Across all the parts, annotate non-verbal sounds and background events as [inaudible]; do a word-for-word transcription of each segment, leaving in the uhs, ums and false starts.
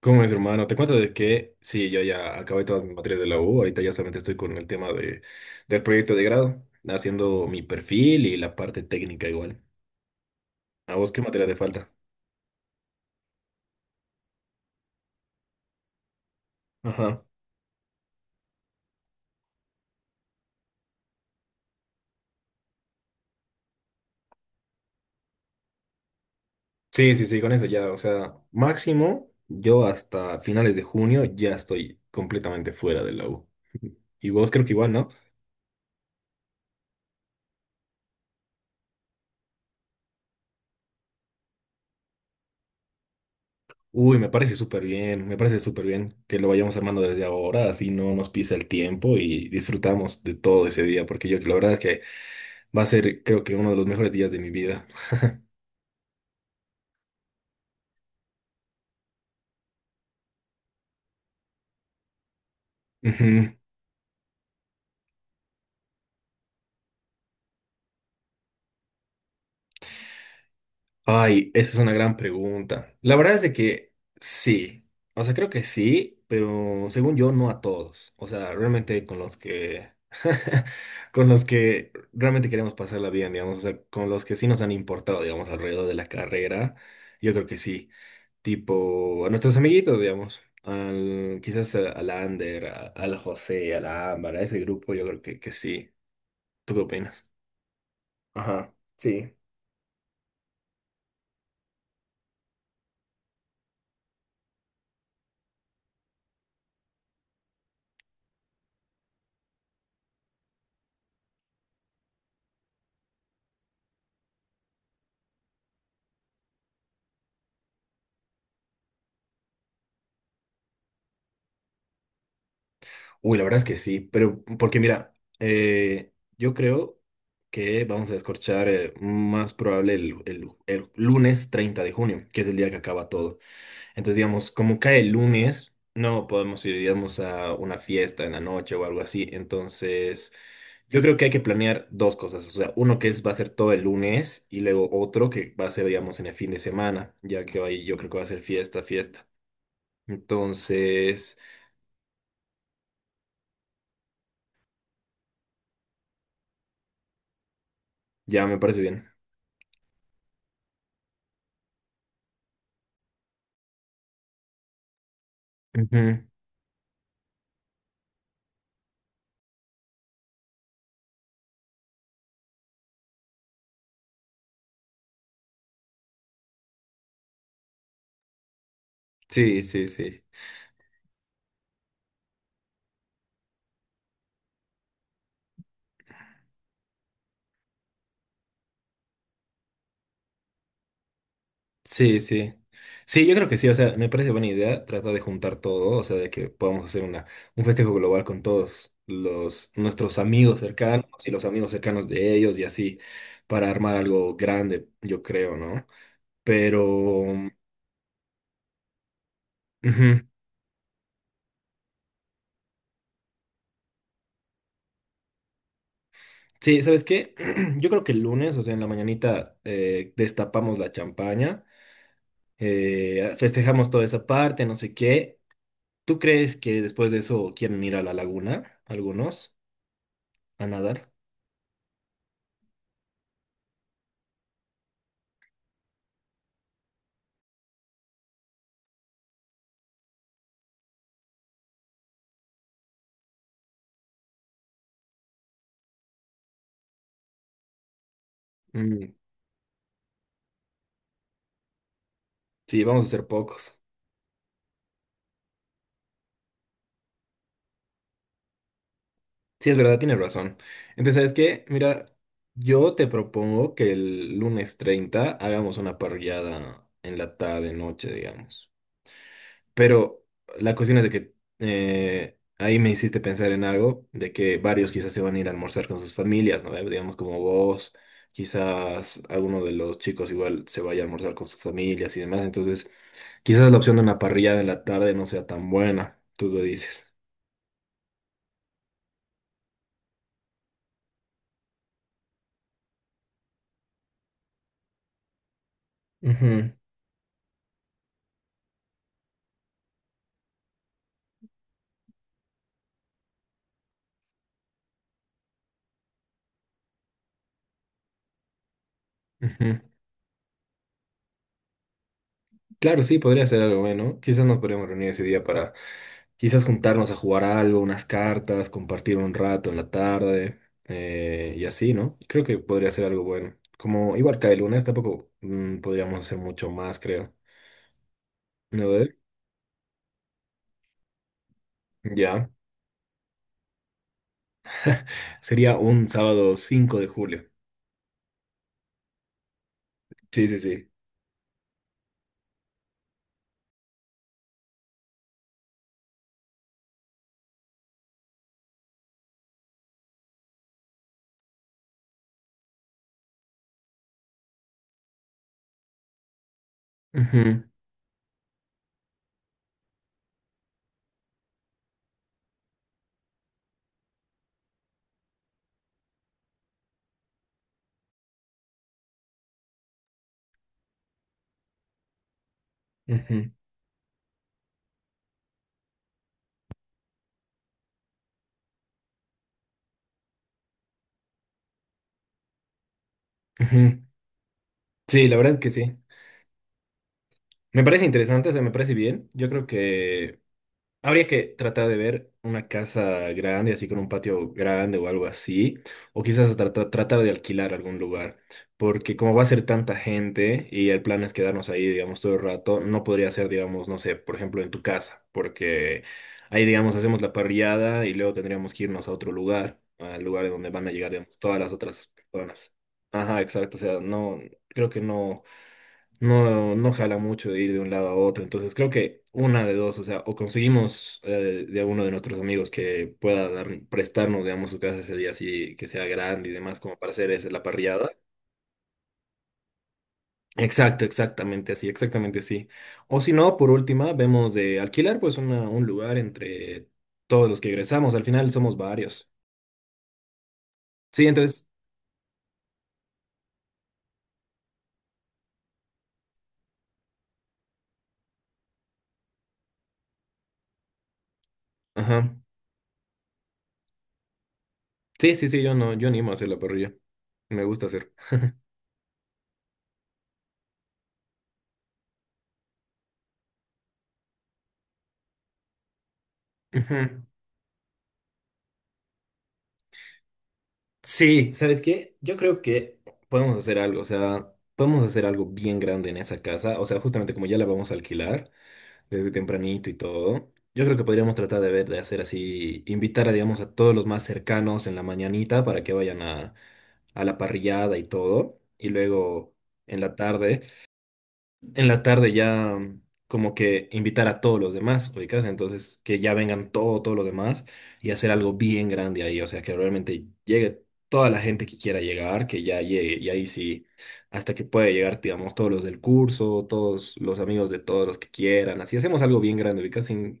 ¿Cómo es, hermano? Te cuento de que sí, yo ya acabé todas mis materias de la U, ahorita ya solamente estoy con el tema de, del proyecto de grado, haciendo mi perfil y la parte técnica igual. ¿A vos qué materia te falta? Ajá. Sí, sí, sí, con eso ya, o sea, máximo yo hasta finales de junio ya estoy completamente fuera de la U. [laughs] Y vos creo que igual, ¿no? Uy, me parece súper bien, me parece súper bien que lo vayamos armando desde ahora, así no nos pisa el tiempo y disfrutamos de todo ese día, porque yo la verdad es que Va a ser, creo que, uno de los mejores días de mi vida. Ujú. Ay, esa es una gran pregunta. La verdad es de que sí. O sea, creo que sí, pero según yo, no a todos. O sea, realmente con los que, [laughs] con los que realmente queremos pasarla bien, digamos. O sea, con los que sí nos han importado, digamos, alrededor de la carrera. Yo creo que sí. Tipo, a nuestros amiguitos, digamos. Al, quizás a- al Ander, a- al José, a la Ámbar, a ese grupo, yo creo que, que sí. ¿Tú qué opinas? Ajá, sí. Uy, la verdad es que sí, pero porque mira, eh, yo creo que vamos a descorchar eh, más probable el, el- el lunes treinta de junio, que es el día que acaba todo. Entonces, digamos, como cae el lunes, no podemos ir, digamos, a una fiesta en la noche o algo así. Entonces, yo creo que hay que planear dos cosas. O sea, uno que es va a ser todo el lunes y luego otro que va a ser, digamos, en el fin de semana, ya que ahí yo creo que va a ser fiesta, fiesta. Entonces, ya me parece bien. Ujú. Sí, sí, sí. Sí, sí. Sí, yo creo que sí, o sea, me parece buena idea tratar de juntar todo, o sea, de que podamos hacer una, un festejo global con todos los, nuestros amigos cercanos y los amigos cercanos de ellos y así, para armar algo grande, yo creo, ¿no? Pero, ujú. Sí, ¿sabes qué? [clears throat] Yo creo que el lunes, o sea, en la mañanita, eh, destapamos la champaña, eh, festejamos toda esa parte, no sé qué. ¿Tú crees que después de eso quieren ir a la laguna, algunos? ¿A nadar? Mm, sí, vamos a ser pocos. Sí, es verdad, tienes razón. Entonces, ¿sabes qué? Mira, yo te propongo que el lunes treinta hagamos una parrillada en la tarde, noche, digamos. Pero la cuestión es de que eh, ahí me hiciste pensar en algo, de que varios quizás se van a ir a almorzar con sus familias, ¿no? Eh, Digamos como vos, quizás alguno de los chicos igual se vaya a almorzar con sus familias y demás. Entonces, quizás la opción de una parrillada en la tarde no sea tan buena. Tú lo dices. Ujú, ujú. Claro, sí, podría ser algo bueno. Quizás nos podríamos reunir ese día para quizás juntarnos a jugar algo, unas cartas, compartir un rato en la tarde eh, y así, ¿no? Creo que podría ser algo bueno. Como igual cae lunes, tampoco mm, podríamos hacer mucho más, creo. ¿No? Ver, Ya. Sería un sábado cinco de julio. Sí, sí, sí. Ujú, ujú, ujú. Sí, la verdad es que sí. Me parece interesante, o sea, me parece bien. Yo creo que Habría que tratar de ver una casa grande, así con un patio grande o algo así, o quizás tratar, tratar de alquilar algún lugar, porque como va a ser tanta gente y el plan es quedarnos ahí, digamos, todo el rato, no podría ser, digamos, no sé, por ejemplo, en tu casa, porque ahí, digamos, hacemos la parrillada y luego tendríamos que irnos a otro lugar, al lugar en donde van a llegar, digamos, todas las otras personas. Ajá, exacto, o sea, no, creo que no no, no jala mucho de ir de un lado a otro. Entonces creo que una de dos, o sea, o conseguimos eh, de alguno de nuestros amigos que pueda dar- prestarnos, digamos, su casa ese día así, que sea grande y demás, como para hacer esa, la parrillada. Exacto, exactamente así, exactamente así. O si no, por última, vemos de alquilar pues una- un lugar entre todos los que egresamos. Al final somos varios. Sí, entonces, ajá. Sí, sí, sí, yo no, yo animo a hacer la parrilla. Me gusta hacer. Ujú. Sí, ¿sabes qué? Yo creo que podemos hacer algo, o sea, podemos hacer algo bien grande en esa casa, o sea, justamente como ya la vamos a alquilar desde tempranito y todo, yo creo que podríamos tratar de ver, de hacer así, invitar a, digamos, a todos los más cercanos en la mañanita para que vayan a, a la parrillada y todo, y luego en la tarde en la tarde ya mm, como que invitar a todos los demás, ubicas, entonces que ya vengan todo, todos los demás y hacer algo bien grande ahí, o sea, que realmente llegue toda la gente que quiera llegar, que ya llegue, y ahí sí, hasta que pueda llegar, digamos, todos los del curso, todos los amigos de todos los que quieran, así hacemos algo bien grande, ubicas, sin,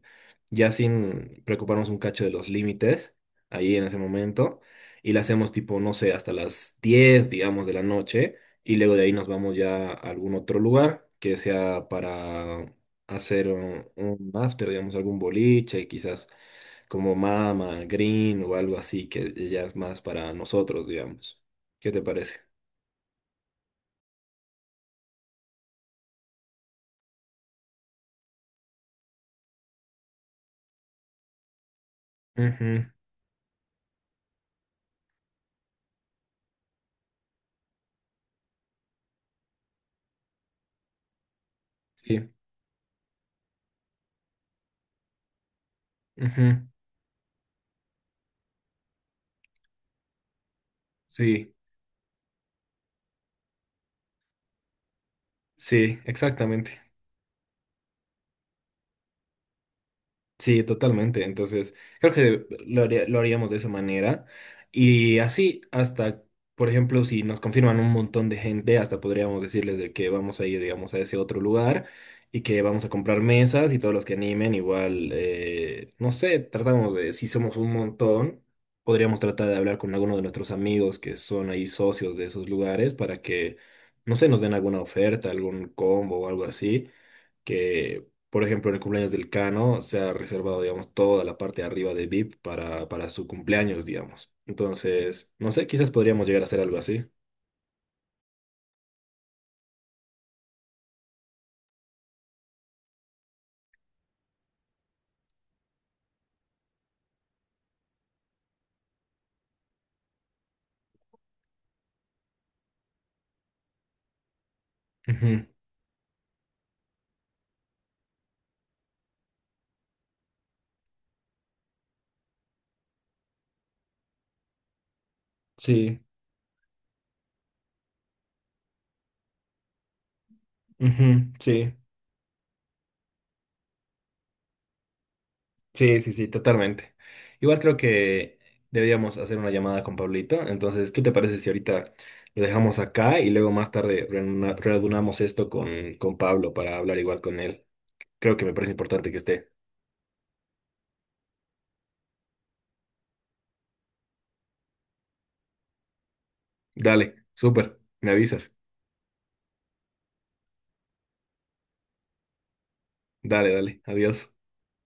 ya sin preocuparnos un cacho de los límites ahí en ese momento. Y la hacemos tipo, no sé, hasta las diez digamos, de la noche y luego de ahí nos vamos ya a algún otro lugar que sea para hacer un, un after, digamos, algún boliche, quizás como Mama, Green o algo así, que ya es más para nosotros, digamos. ¿Qué te parece? Ujú, Sí, ujú, sí, sí, exactamente. Sí, totalmente. Entonces, creo que lo haría- lo haríamos de esa manera. Y así, hasta, por ejemplo, si nos confirman un montón de gente, hasta podríamos decirles de que vamos a ir, digamos, a ese otro lugar y que vamos a comprar mesas y todos los que animen, igual, eh, no sé, tratamos de, si somos un montón, podríamos tratar de hablar con alguno de nuestros amigos que son ahí socios de esos lugares para que, no sé, nos den alguna oferta, algún combo o algo así que, por ejemplo, en el cumpleaños del Cano se ha reservado, digamos, toda la parte de arriba de VIP para, para su cumpleaños, digamos. Entonces, no sé, quizás podríamos llegar a hacer algo así. Ujú, Sí, ujú, sí, sí, sí, sí, totalmente. Igual creo que deberíamos hacer una llamada con Pablito. Entonces, ¿qué te parece si ahorita lo dejamos acá y luego más tarde reuna- reunamos esto con, con Pablo para hablar igual con él? Creo que me parece importante que esté. Dale, súper, me avisas. Dale, dale, adiós.